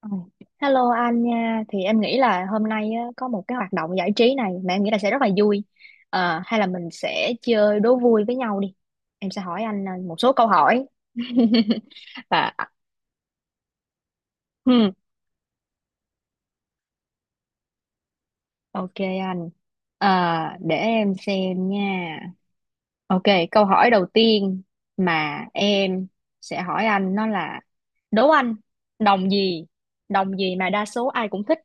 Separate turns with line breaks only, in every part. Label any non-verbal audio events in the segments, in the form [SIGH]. Ừ. Hello anh nha, thì em nghĩ là hôm nay á, có một cái hoạt động giải trí này mà em nghĩ là sẽ rất là vui. Hay là mình sẽ chơi đố vui với nhau đi. Em sẽ hỏi anh một số câu hỏi. [LAUGHS] Và hmm, ok anh. À, để em xem nha. Ok, câu hỏi đầu tiên mà em sẽ hỏi anh nó là đố anh đồng gì? Đồng gì mà đa số ai cũng thích?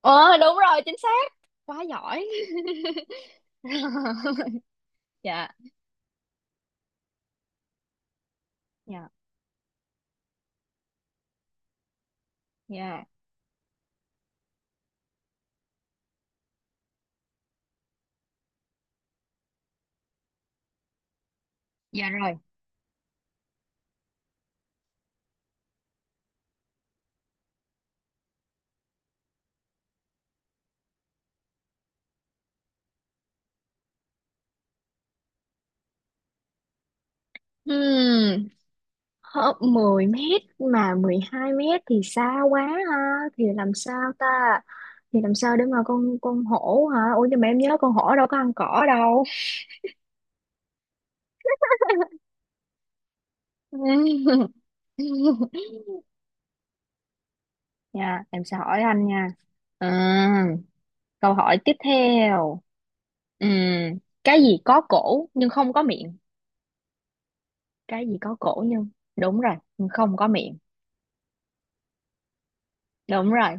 Ờ, đúng rồi, chính xác. Quá giỏi. [LAUGHS] Dạ, dạ, dạ, dạ rồi. Hmm, Hớp 10 m mà 12 m thì xa quá ha, thì làm sao ta? Thì làm sao để mà con hổ hả? Ủa nhưng mà em nhớ con hổ đâu có ăn cỏ đâu. [LAUGHS] Dạ, em sẽ hỏi anh nha. à, Câu hỏi tiếp theo. Ừm, cái gì có cổ nhưng không có miệng? Cái gì có cổ nhưng, đúng rồi, nhưng không có miệng. Đúng rồi,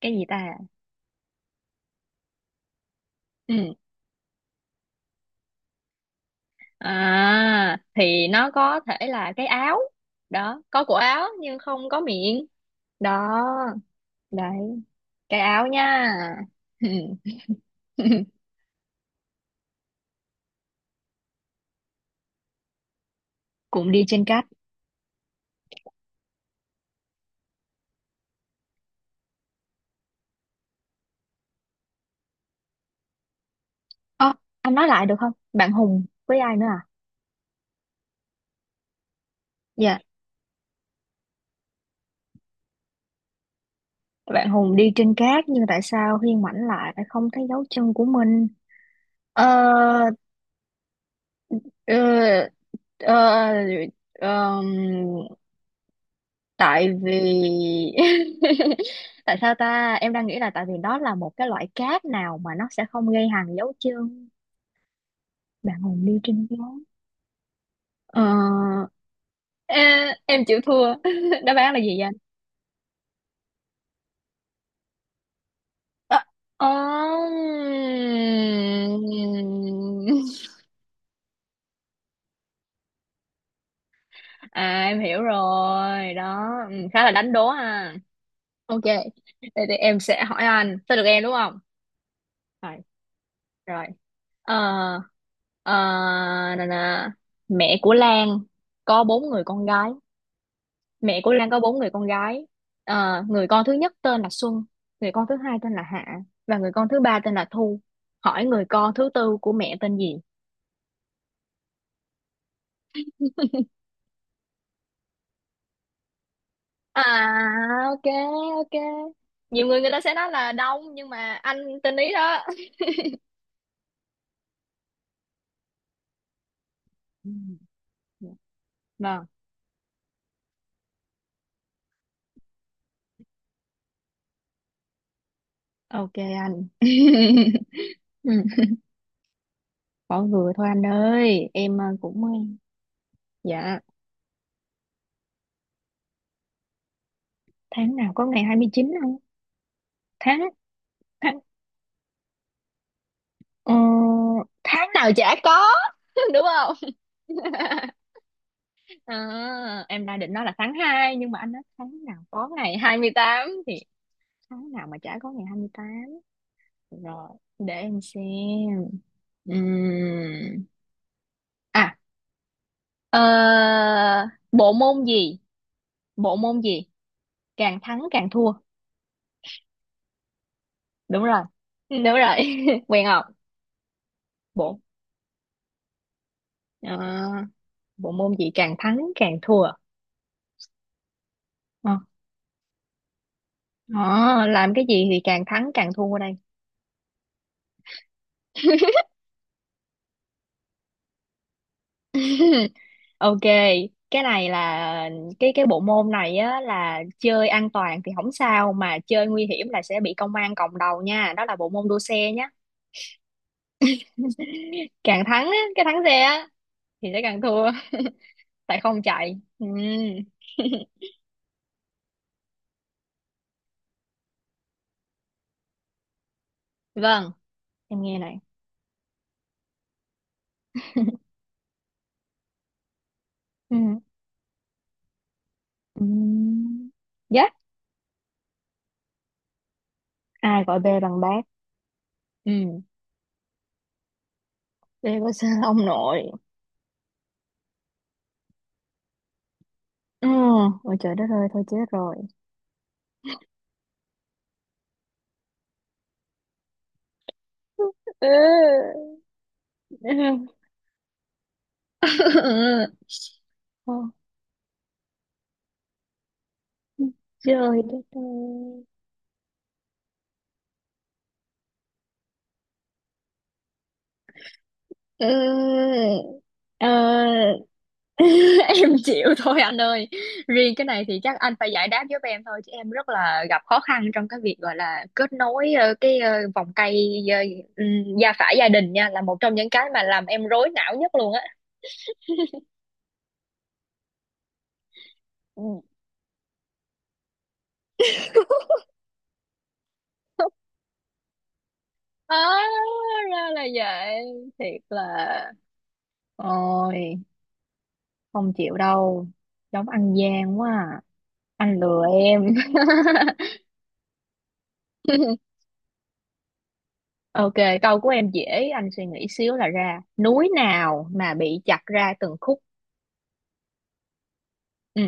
cái gì ta. À thì nó có thể là cái áo, đó, có cổ áo nhưng không có miệng. Đó, đấy, cái áo nha. Ừ. [LAUGHS] Cũng đi trên cát. Ơ, anh nói lại được không, bạn Hùng với ai nữa à? Dạ, bạn Hùng đi trên cát nhưng tại sao Hiên ngoảnh lại lại không thấy dấu chân của mình? ờ, ờ, ờ, ờ, Tại vì, [LAUGHS] tại sao ta, em đang nghĩ là tại vì đó là một cái loại cát nào mà nó sẽ không gây hằn dấu chân. Bạn hồn đi trên gió. ờ, ê, em chịu thua. [LAUGHS] Đáp án là gì vậy anh? Ờ. À em hiểu rồi đó, ừ, khá là đánh đố ha. Ok. Vậy thì em sẽ hỏi anh tới được em đúng không. Rồi rồi. ờ ờ, Nè nè. Mẹ của Lan có 4 người con gái. Mẹ của Lan có bốn người con gái. Ờ, người con thứ nhất tên là Xuân, người con thứ hai tên là Hạ, và người con thứ ba tên là Thu. Hỏi người con thứ tư của mẹ tên gì? À, ok, ok, nhiều người người ta sẽ nói là Đông nhưng mà anh tên ý đó. [LAUGHS] Ừ, dạ. Vâng, ok anh. [LAUGHS] Ừ, bỏ vừa thôi anh ơi em cũng dạ. Tháng nào có ngày 29 không? Tháng tháng ờ, Tháng nào chả có. [LAUGHS] Đúng không? À, em đang định nói là tháng 2 nhưng mà anh nói tháng nào có ngày 28 thì tháng nào mà chả có ngày 28. Rồi để em xem. Ừm, à ờ, Bộ môn gì, bộ môn gì càng thắng càng thua? Đúng rồi, đúng rồi. [LAUGHS] Quen không? bộ ờ, Bộ môn gì càng thắng càng thua. Ờ, Ờ, làm cái gì thì càng thắng càng thua đây. Ok, cái này là cái bộ môn này á là chơi an toàn thì không sao mà chơi nguy hiểm là sẽ bị công an còng đầu nha. Đó là bộ môn đua xe nhá. Càng thắng á, cái thắng xe á thì sẽ càng thua tại không chạy. Ừ. Vâng, em nghe này. Ừ. Ừ. Dạ, ai gọi B bằng bác. Ừ. B có sao [LAUGHS] ông nội. Ừ. Ôi trời đất ơi, thôi chết rồi. Ừ. [LAUGHS] Ờ. Trời đất ơi. Ừ, ờ, [LAUGHS] em chịu thôi anh ơi. Riêng cái này thì chắc anh phải giải đáp giúp em thôi chứ em rất là gặp khó khăn trong cái việc gọi là kết nối cái vòng cây, gia phả gia đình nha, là một trong những cái mà làm em rối não nhất luôn á. Ừ. À, [LAUGHS] ra là vậy. Thiệt là ôi không chịu đâu. Giống ăn gian quá à. Anh lừa em. [LAUGHS] Ok, câu của em dễ, anh suy nghĩ xíu là ra. Núi nào mà bị chặt ra từng khúc? Ừ,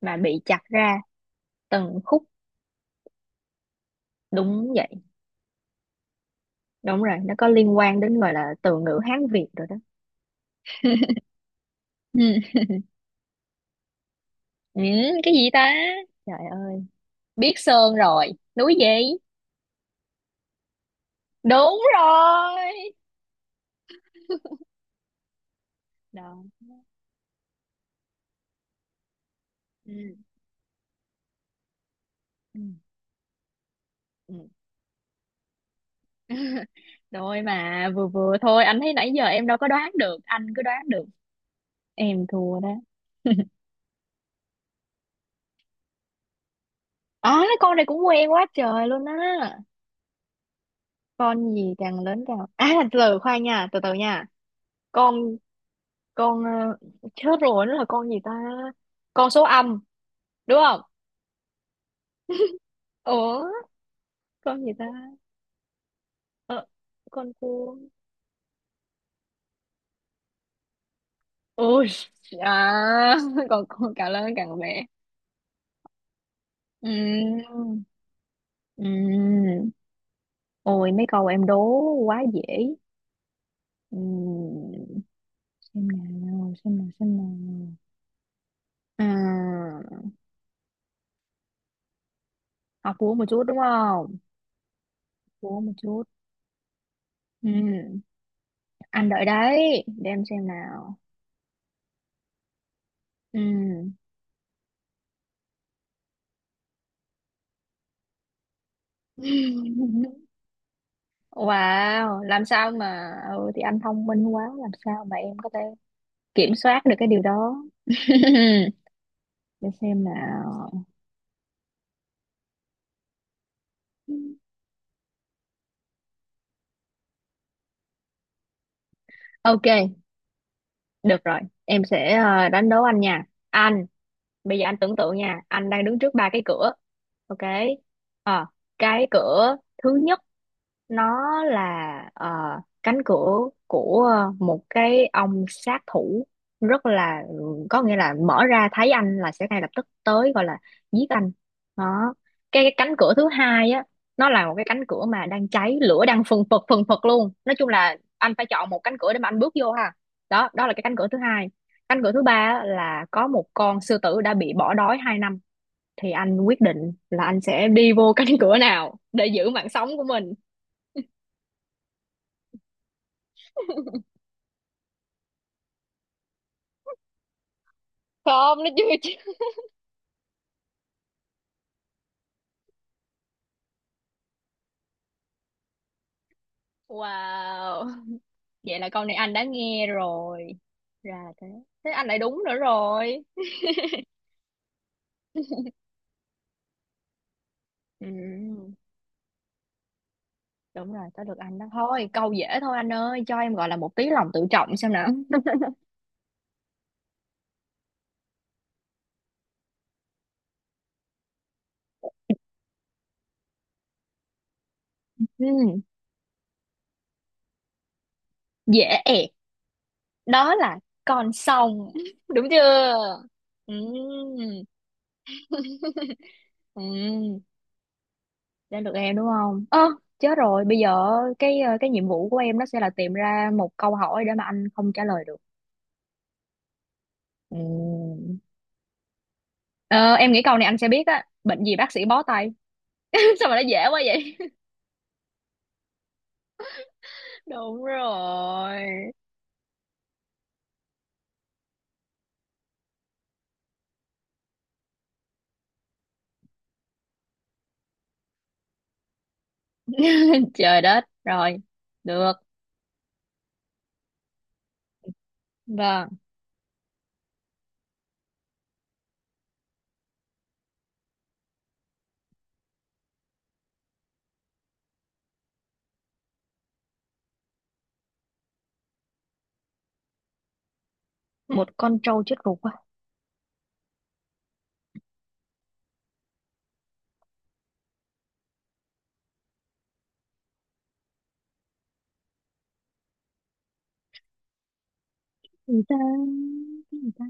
mà bị chặt ra từng khúc. Đúng vậy, đúng rồi, nó có liên quan đến gọi là từ ngữ Hán Việt rồi đó. Ừ, cái gì ta? Trời ơi, biết sơn rồi. Núi gì? Đúng rồi. Đó. Ừ. Ừ. Ừ. [LAUGHS] Rồi mà vừa vừa thôi, anh thấy nãy giờ em đâu có đoán được, anh cứ đoán được. Em thua đó. À, con này cũng quen quá trời luôn á. Con gì càng lớn càng [LAUGHS] à từ từ khoan nha, từ từ nha. con con ờ, Chết rồi nó là con gì ta. Con số âm đúng không? Ủa, con gì ta. ờ, con cua. Ui. À, còn [LAUGHS] con càng lớn càng bé. Ừm, ừm. Ôi mấy câu em đố quá dễ. Ừm, xem nào, xem nào, xem nào. À, học vú một chút đúng không? Vú một chút. Ừm, anh đợi đấy để em xem nào. Ừ. [LAUGHS] Wow, làm sao mà, thì anh thông minh quá, làm sao mà em có thể kiểm soát được cái điều đó. [LAUGHS] Để xem nào. Ok, được rồi, em sẽ đánh đố anh nha. Anh, bây giờ anh tưởng tượng nha, anh đang đứng trước 3 cái cửa. Ok. Ờ, cái cửa thứ nhất nó là cánh cửa của một cái ông sát thủ rất là, có nghĩa là mở ra thấy anh là sẽ ngay lập tức tới gọi là giết anh đó. Cái cánh cửa thứ hai á, nó là một cái cánh cửa mà đang cháy lửa đang phừng phực luôn, nói chung là anh phải chọn một cánh cửa để mà anh bước vô ha. Đó đó là cái cánh cửa thứ hai. Anh gửi thứ ba á, là có một con sư tử đã bị bỏ đói 2 năm. Thì anh quyết định là anh sẽ đi vô [LAUGHS] cánh cửa nào để giữ mạng sống của mình? [LAUGHS] Không, nó chưa chứ. Wow, vậy là câu này anh đã nghe rồi ra thế. Thế anh lại đúng nữa rồi. Ừ, đúng rồi, tới được anh đó, thôi câu dễ thôi anh ơi, cho em gọi là một tí lòng tự trọng xem nào. [LAUGHS] Ừ, dễ ẹc. Đó là con sông. [LAUGHS] Đúng chưa? Ừ. Ừ. Đến được em đúng không, ơ chết rồi, bây giờ cái cái nhiệm vụ của em nó sẽ là tìm ra một câu hỏi để mà anh không trả lời được. Ừm. Ờ, em nghĩ câu này anh sẽ biết á, bệnh gì bác sĩ bó tay? [LAUGHS] Sao mà nó dễ quá vậy. [LAUGHS] Đúng rồi. [LAUGHS] Trời đất rồi, được, vâng. Một con trâu chết ruột quá. Gì ta? Cái gì ta?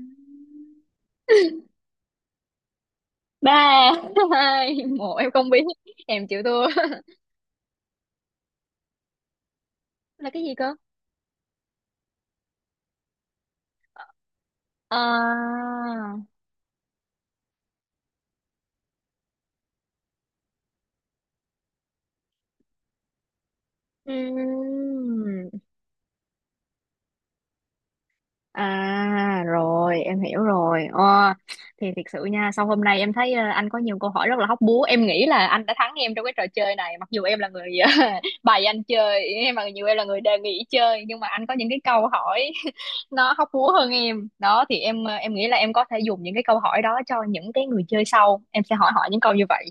Ba [LAUGHS] hai một em không biết. Em chịu thua. [LAUGHS] Là cái gì cơ? à, ừm, À rồi em hiểu rồi. Ờ. Thì thiệt sự nha, sau hôm nay em thấy anh có nhiều câu hỏi rất là hóc búa. Em nghĩ là anh đã thắng em trong cái trò chơi này. Mặc dù em là người [LAUGHS] bày anh chơi em, mặc dù em là người đề nghị chơi, nhưng mà anh có những cái câu hỏi [LAUGHS] nó hóc búa hơn em. Đó thì em, em nghĩ là em có thể dùng những cái câu hỏi đó cho những cái người chơi sau, em sẽ hỏi họ những câu như vậy.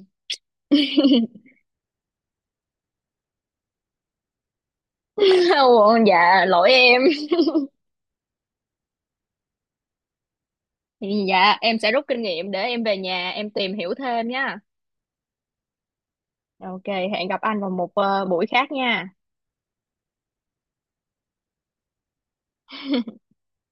[LAUGHS] Ồ, dạ lỗi em. Thì dạ em sẽ rút kinh nghiệm để em về nhà em tìm hiểu thêm nha. Ok, hẹn gặp anh vào một buổi khác nha.